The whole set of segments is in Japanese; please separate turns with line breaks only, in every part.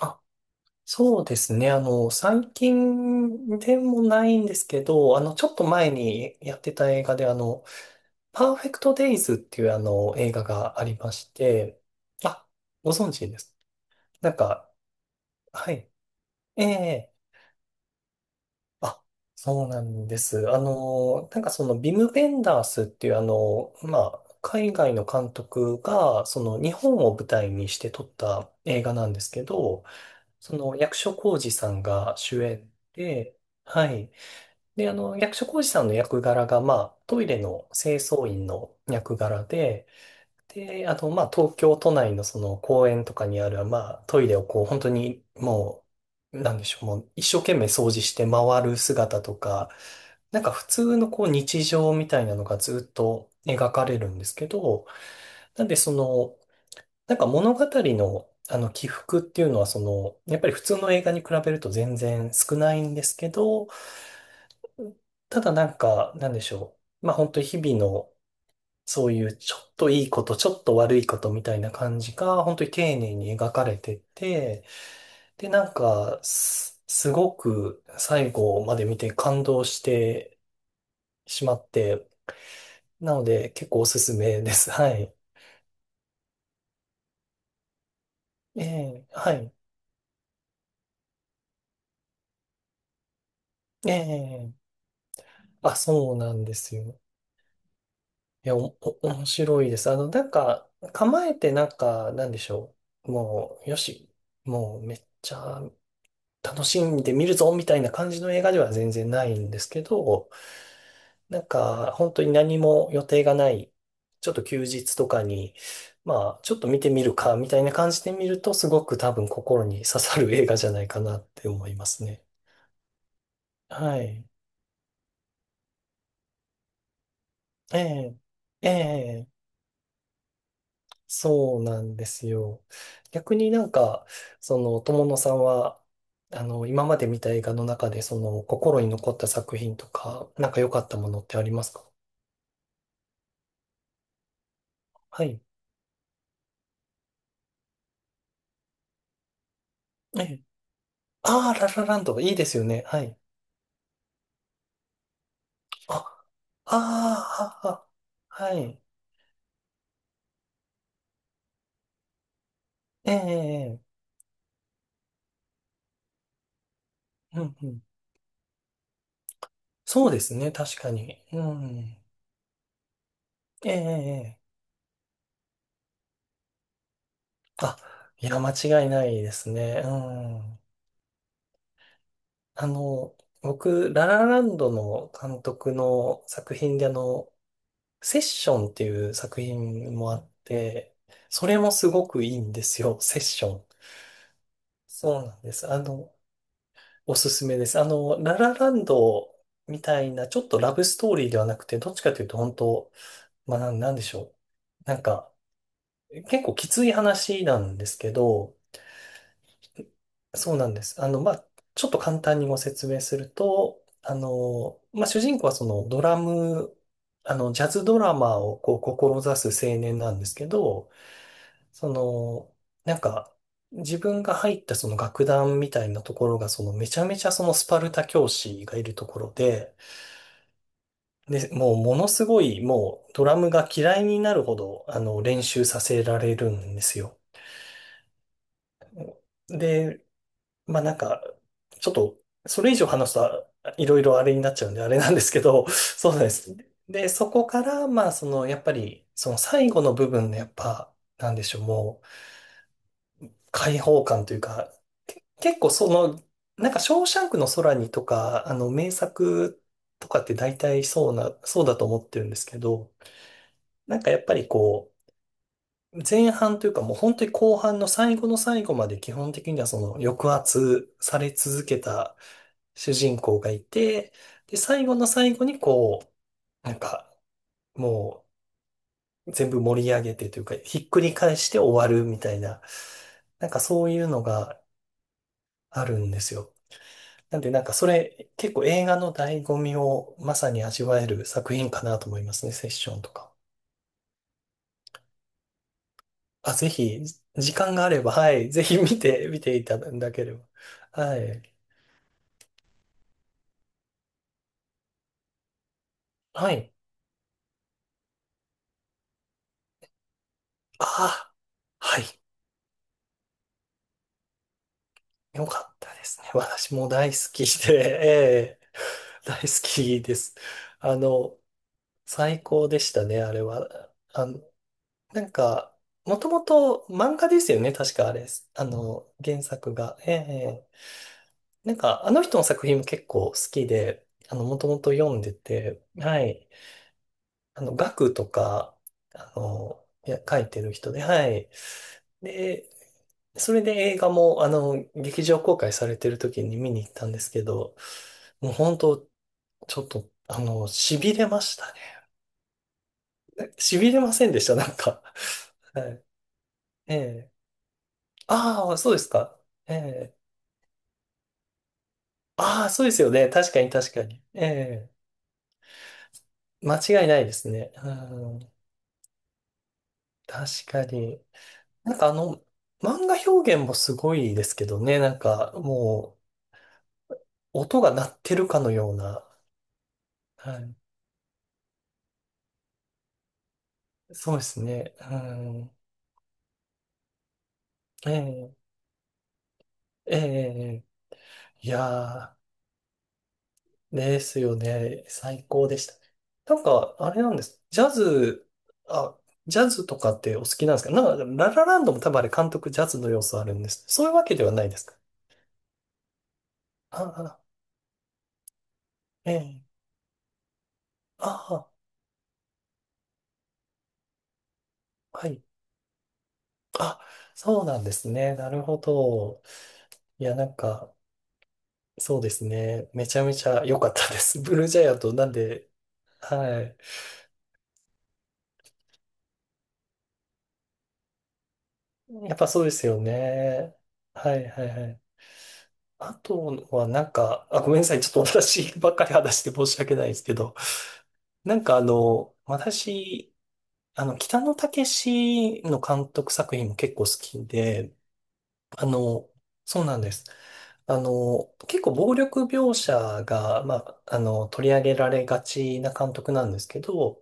あ、そうですね。最近でもないんですけど、ちょっと前にやってた映画で、パーフェクトデイズっていう映画がありまして、あ、ご存知です？なんか、はい。ええ、あ、そうなんです。あの、ビム・ベンダースっていうまあ、海外の監督が、その、日本を舞台にして撮った映画なんですけど、その役所広司さんが主演で、はい。で、あの、役所広司さんの役柄が、まあ、トイレの清掃員の役柄で、で、あと、まあ、東京都内のその公園とかにある、まあ、トイレをこう、本当にもう、なんでしょう、もう一生懸命掃除して回る姿とか、なんか普通のこう、日常みたいなのがずっと描かれるんですけど、なんでその、なんか物語の、あの起伏っていうのはその、やっぱり普通の映画に比べると全然少ないんですけど、ただなんか、なんでしょう。まあ本当に日々のそういうちょっといいこと、ちょっと悪いことみたいな感じが本当に丁寧に描かれてて、でなんかすごく最後まで見て感動してしまって、なので結構おすすめです。はい。ええ、はい。ええ、あ、そうなんですよ。いや、お面白いです。あの、なんか、構えてなんか、なんでしょう。もう、よし、もうめっちゃ楽しんで見るぞ、みたいな感じの映画では全然ないんですけど、なんか、本当に何も予定がない、ちょっと休日とかに、まあ、ちょっと見てみるか、みたいな感じで見ると、すごく多分心に刺さる映画じゃないかなって思いますね。はい。ええ、ええ。そうなんですよ。逆になんか、その、友野さんは、あの、今まで見た映画の中で、その、心に残った作品とか、なんか良かったものってありますか？はい。ええ。ああ、ララランド、いいですよね。はい。あ、ああ、はははい。ええ、ええ、ええ、うんうん。そうですね、確かに。うん。ええ、ええ。ええ、あ、いや、間違いないですね。うん。あの、僕、ララランドの監督の作品で、あの、セッションっていう作品もあって、それもすごくいいんですよ、セッション。そうなんです。あの、おすすめです。あの、ララランドみたいな、ちょっとラブストーリーではなくて、どっちかというと、本当、まあ、なんなんでしょう。なんか、結構きつい話なんですけど、そうなんです。あの、まあ、ちょっと簡単にご説明すると、あの、まあ、主人公はそのドラム、あの、ジャズドラマーをこう、志す青年なんですけど、その、なんか、自分が入ったその楽団みたいなところが、そのめちゃめちゃそのスパルタ教師がいるところで、で、もうものすごいもうドラムが嫌いになるほど、あの、練習させられるんですよ。で、まあなんか、ちょっと、それ以上話すと、いろいろあれになっちゃうんで、あれなんですけど、そうなんです。で、そこから、まあ、その、やっぱり、その最後の部分の、やっぱ、なんでしょう、もう、解放感というか、結構その、なんか、ショーシャンクの空にとか、あの、名作とかって大体そうな、そうだと思ってるんですけど、なんかやっぱりこう、前半というかもう本当に後半の最後の最後まで基本的にはその抑圧され続けた主人公がいて、で、最後の最後にこう、なんかもう全部盛り上げてというかひっくり返して終わるみたいな、なんかそういうのがあるんですよ。なんでなんかそれ結構映画の醍醐味をまさに味わえる作品かなと思いますね、セッションとか。あ、ぜひ、時間があれば、はい、ぜひ見ていただければ。はい。はい。ああ、はい。よかったですね。私も大好きで、ええ、大好きです。あの、最高でしたね、あれは。あの、なんか、もともと漫画ですよね、確かあれ。あの、原作が。ええ、なんか、あの人の作品も結構好きで、あの、もともと読んでて、はい。あの、ガクとか、あの、いや、書いてる人で、はい。で、それで映画も、あの、劇場公開されてる時に見に行ったんですけど、もう本当ちょっと、あの、痺れましたね。痺れませんでした、なんか。はい。ええ。ああ、そうですか。ええ。ああ、そうですよね。確かに。ええ。間違いないですね。うん。確かに。なんかあの、漫画表現もすごいですけどね。なんか、もう、音が鳴ってるかのような。はい。そうですね。うん。ええ。ええ、いやー、ですよね。最高でした。なんか、あれなんです。あ、ジャズとかってお好きなんですか？なんか、ララランドも多分あれ監督ジャズの要素あるんです。そういうわけではないですか？ああ、ええ、ああ、はい。あ、そうなんですね。なるほど。いや、なんか、そうですね。めちゃめちゃ良かったです。ブルージャイアントなんで、はい。やっぱそうですよね。はい、はい、はい。あとはなんか、あ、ごめんなさい。ちょっと私ばっかり話して申し訳ないですけど、なんかあの、私、あの、北野武の監督作品も結構好きで、あの、そうなんです。あの、結構暴力描写が、まあ、あの、取り上げられがちな監督なんですけど、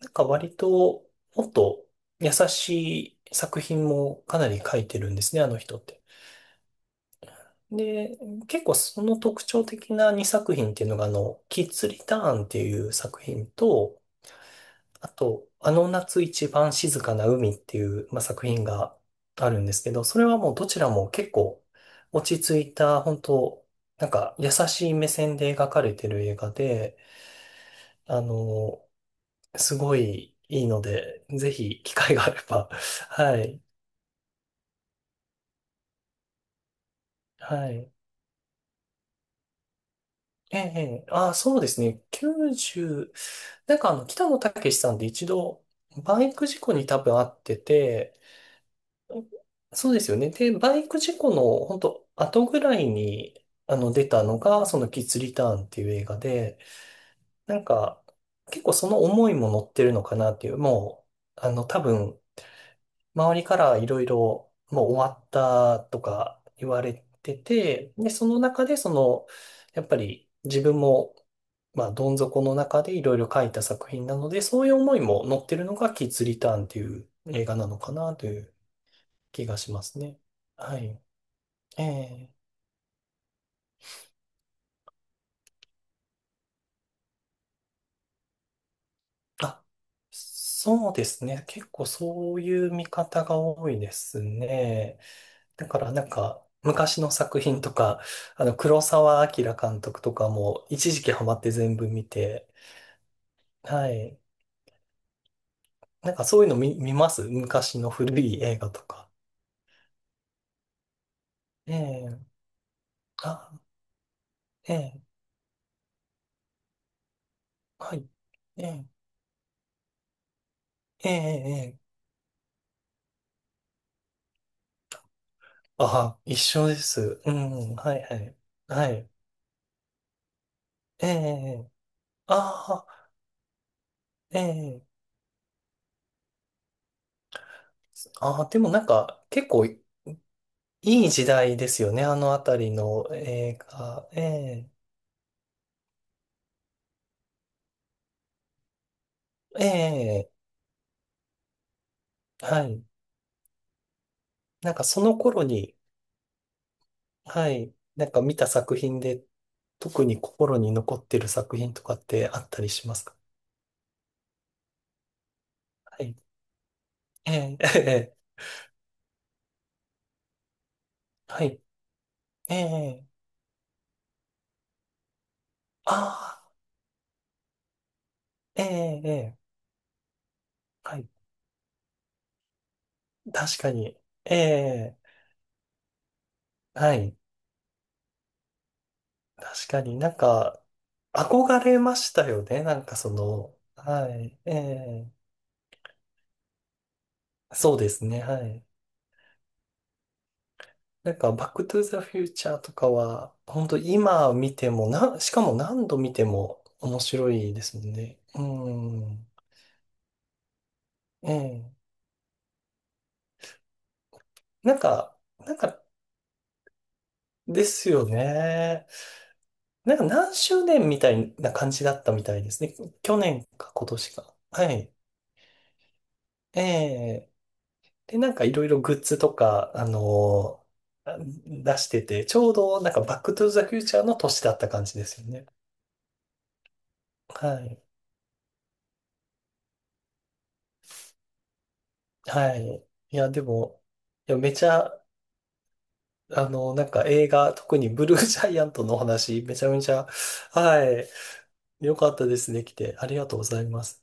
なんか割ともっと優しい作品もかなり書いてるんですね、あの人って。で、結構その特徴的な2作品っていうのが、あの、キッズリターンっていう作品と、あと、あの夏一番静かな海っていう、まあ、作品があるんですけど、それはもうどちらも結構落ち着いた、本当なんか優しい目線で描かれてる映画で、あの、すごいいいので、ぜひ機会があれば、はい、はい。ええ、ああ、そうですね。90、なんかあの、北野武さんで一度、バイク事故に多分あってて、そうですよね。で、バイク事故の本当後ぐらいに、あの、出たのが、そのキッズリターンっていう映画で、なんか、結構その思いも乗ってるのかなっていう、もう、あの、多分、周りからいろいろもう終わったとか言われてて、で、その中でその、やっぱり自分も、まあ、どん底の中でいろいろ書いた作品なので、そういう思いも乗ってるのがキッズリターンっていう映画なのかなという気がしますね。はい。ええ。あ、そうですね。結構そういう見方が多いですね。だからなんか、昔の作品とか、あの、黒澤明監督とかも、一時期ハマって全部見て、はい。なんかそういうの見ます、昔の古い映画とか。ええ、あ、ええ、はい。ええええええ、あ、一緒です。うん、はい、はい。はい。ええ、ああ、ええ、ああ、でもなんか、結構いい時代ですよね、あのあたりの映画。ええええはい。なんかその頃に、はい、なんか見た作品で、特に心に残ってる作品とかってあったりしますか？はい。ええ、ええ、はい。ええ、ああ、ええ、ええ、はい。確かに。ええ、はい。確かになんか、憧れましたよね。なんかその、はい。ええ、そうですね。はい。なんか、バックトゥーザフューチャーとかは、本当今見てもな、しかも何度見ても面白いですもんね。うん。ええ。なんか、ですよね。なんか何周年みたいな感じだったみたいですね。去年か今年か。はい。ええ。で、なんかいろいろグッズとか、あのー出してて、ちょうどなんかバックトゥーザフューチャーの年だった感じですよね。はい。はい。いや、でも、いや、めちゃあの、なんか映画、特にブルージャイアントのお話、めちゃめちゃ、はい、良かったですね。来て、ありがとうございます。